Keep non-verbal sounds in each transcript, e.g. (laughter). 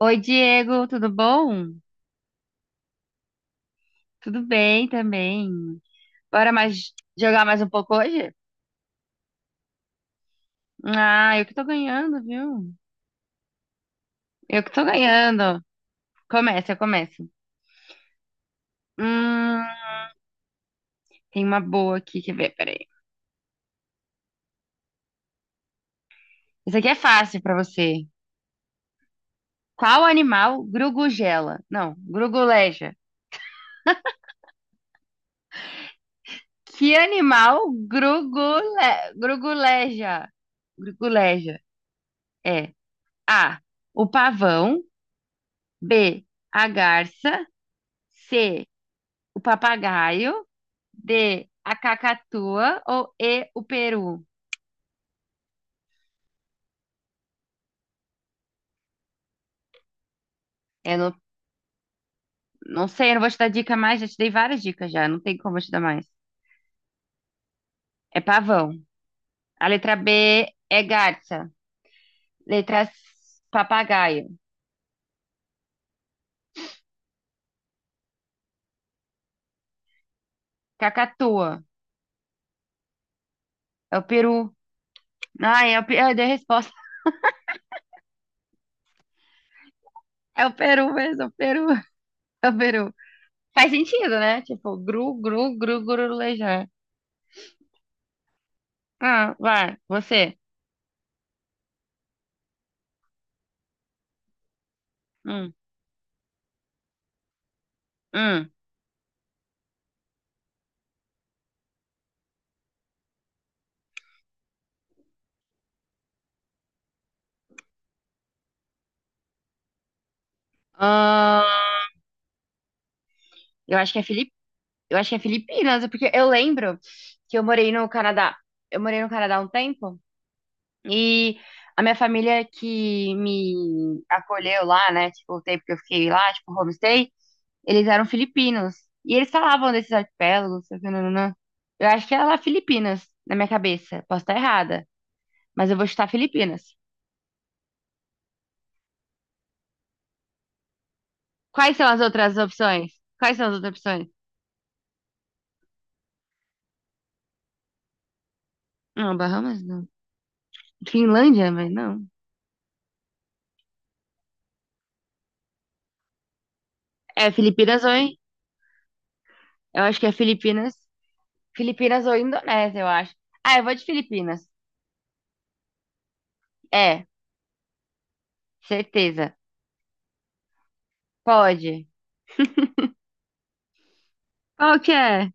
Oi, Diego, tudo bom? Tudo bem também. Bora mais jogar mais um pouco hoje? Ah, eu que tô ganhando, viu? Eu que tô ganhando. Começa, eu começo. Hum, Tem uma boa aqui, quer ver? Peraí. Isso aqui é fácil pra você. Qual animal grugugela? Não, gruguleja. Que animal grugule... gruguleja? Gruguleja. É. A. O pavão. B. A garça. C. O papagaio. D, a cacatua ou E, o peru? Eu não, não sei, eu não vou te dar dica mais, já te dei várias dicas já, não tem como eu te dar mais. É pavão. A letra B é garça. Letra C, papagaio. Cacatua. É o peru. Ai, é o, eu dei a resposta. (laughs) É o peru mesmo, é o peru. É o peru. Faz sentido, né? Tipo, gru, gru, gru, gurulejar. Ah, vai, você. Hum, hum. Ah, eu acho que é Felipe. Eu acho que é Filipinas, porque eu lembro que eu morei no Canadá. Eu morei no Canadá um tempo e a minha família que me acolheu lá, né? Tipo, o tempo que eu fiquei lá, tipo, homestay, eles eram filipinos. E eles falavam desses arquipélagos, sei o que, nananã. Eu acho que era lá Filipinas, na minha cabeça. Posso estar errada, mas eu vou chutar Filipinas. Quais são as outras opções? Quais são as outras opções? Não, Bahamas não. Finlândia, mas não. É Filipinas oi. Eu acho que é Filipinas. Filipinas ou Indonésia, eu acho. Ah, eu vou de Filipinas. É, certeza. Pode. Qual que é?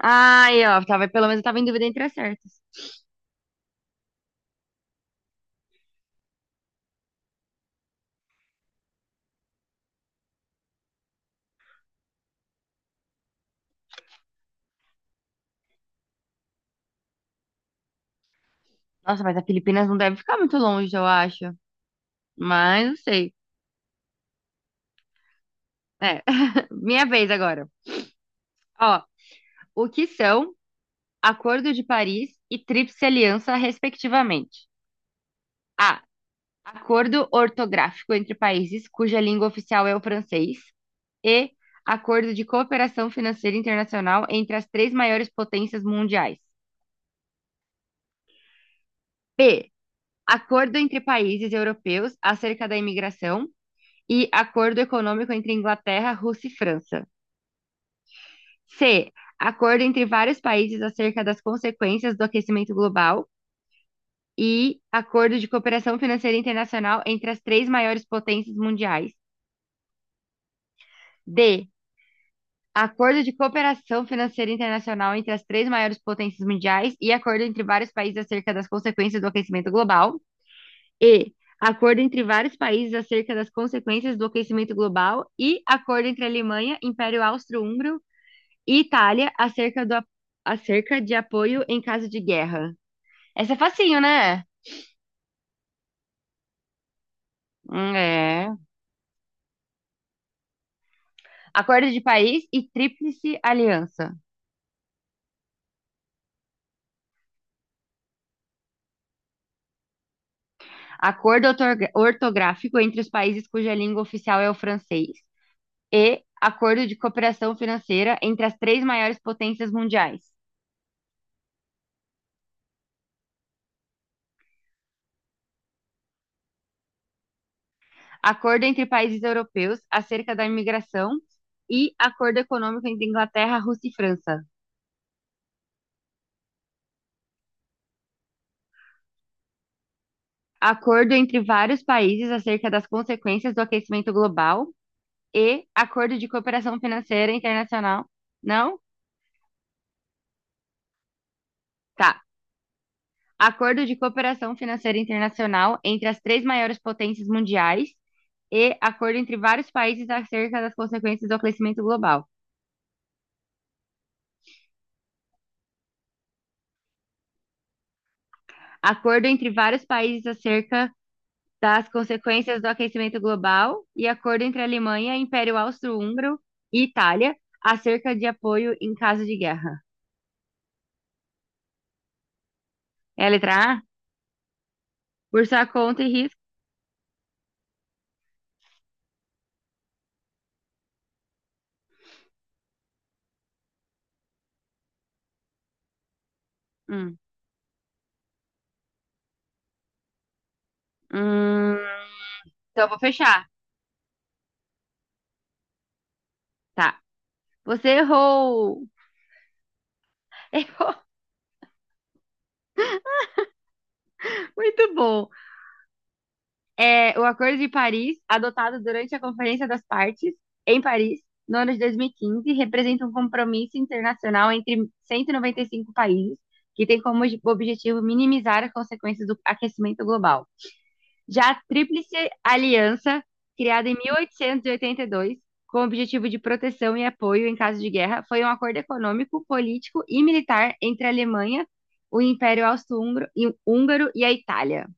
Ai, ó, tava, pelo menos eu tava em dúvida entre as certas. Nossa, mas a Filipinas não deve ficar muito longe, eu acho. Mas não sei. É, (laughs) minha vez agora. Ó, o que são Acordo de Paris e Tríplice Aliança, respectivamente? A. Acordo ortográfico entre países cuja língua oficial é o francês, e Acordo de Cooperação Financeira Internacional entre as três maiores potências mundiais. B. Acordo entre países europeus acerca da imigração e Acordo Econômico entre Inglaterra, Rússia e França. C. Acordo entre vários países acerca das consequências do aquecimento global e Acordo de Cooperação Financeira Internacional entre as três maiores potências mundiais. D. Acordo de cooperação financeira internacional entre as três maiores potências mundiais e acordo entre vários países acerca das consequências do aquecimento global. E, acordo entre vários países acerca das consequências do aquecimento global e acordo entre Alemanha, Império Austro-Húngaro e Itália acerca acerca de apoio em caso de guerra. Essa é facinho, né? É. Acordo de país e tríplice aliança. Ortográfico entre os países cuja língua oficial é o francês, e Acordo de Cooperação Financeira entre as três maiores potências mundiais. Acordo entre países europeus acerca da imigração e Acordo Econômico entre Inglaterra, Rússia e França. Acordo entre vários países acerca das consequências do aquecimento global e Acordo de Cooperação Financeira Internacional. Não? Tá. Acordo de Cooperação Financeira Internacional entre as três maiores potências mundiais e acordo entre vários países acerca das consequências do aquecimento global. Acordo entre vários países acerca das consequências do aquecimento global e acordo entre Alemanha, Império Austro-Húngaro e Itália acerca de apoio em caso de guerra. É a letra A? Por sua conta e risco. Hum. Hum, então eu vou fechar. Tá. Você errou! Errou! (laughs) Muito bom. É o Acordo de Paris, adotado durante a Conferência das Partes, em Paris, no ano de 2015, representa um compromisso internacional entre 195 países, que tem como objetivo minimizar as consequências do aquecimento global. Já a Tríplice Aliança, criada em 1882, com o objetivo de proteção e apoio em caso de guerra, foi um acordo econômico, político e militar entre a Alemanha, o Império Austro-Húngaro e a Itália.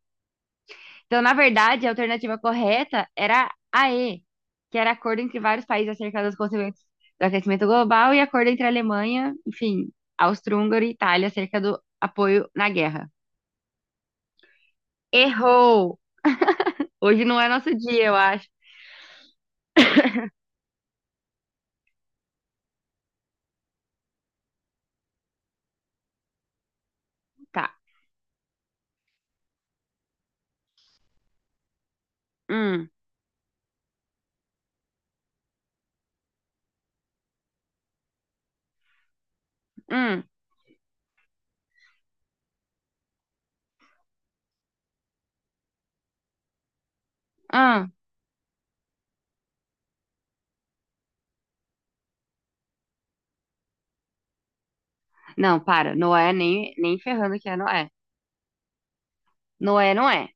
Então, na verdade, a alternativa correta era a E, que era acordo entre vários países acerca das consequências do aquecimento global e acordo entre a Alemanha, enfim, Áustria, Hungria e Itália acerca do apoio na guerra. Errou! Hoje não é nosso dia, eu acho. Tá. Hum, hum, hum. Não, para. Noé nem, nem ferrando que é Noé. Noé não é.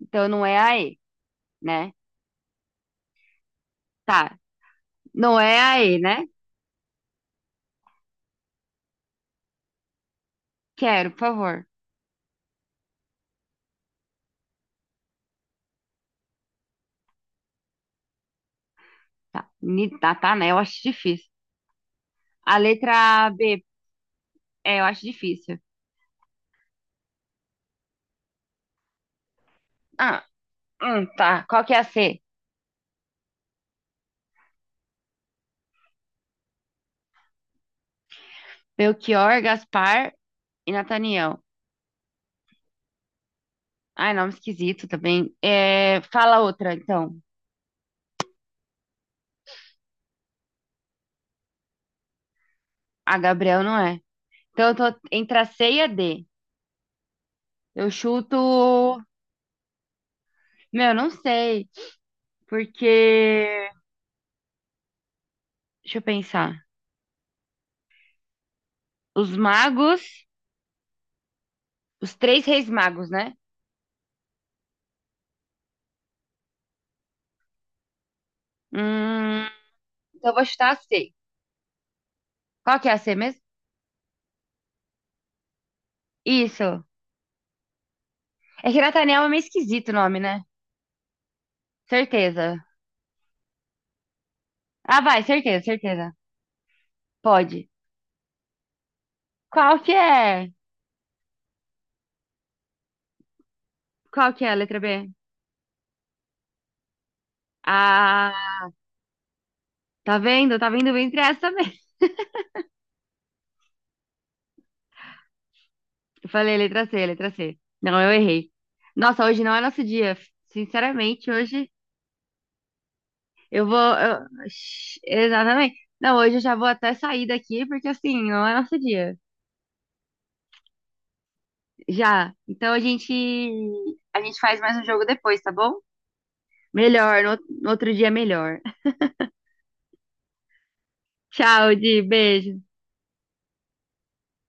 Então não é a E, né? Tá. Não é a E, né? Quero, por favor. Tá, tá, tá, né? Eu acho difícil. A letra B, é, eu acho difícil. Ah, tá. Qual que é a C? Belchior, Gaspar e Nathaniel. Ai, nome esquisito também. É, fala outra, então. A Gabriel não é. Então eu tô entre a C e a D. Eu chuto. Meu, não sei. Porque. Deixa eu pensar. Os magos. Os três reis magos, né? Hum, então eu vou chutar a C. Qual que é a C mesmo? Isso. É que Nathaniel é meio esquisito o nome, né? Certeza. Ah, vai, certeza, certeza. Pode. Qual que é? Qual que é a letra B? Ah, tá vendo? Tá vendo entre essa mesmo. (laughs) Eu falei letra C. Não, eu errei. Nossa, hoje não é nosso dia. Sinceramente, hoje Shhh, exatamente. Não, hoje eu já vou até sair daqui, porque assim, não é nosso dia. Já. Então a gente. A gente faz mais um jogo depois, tá bom? Melhor, no, outro dia melhor. (laughs) Tchau, Di. Beijo.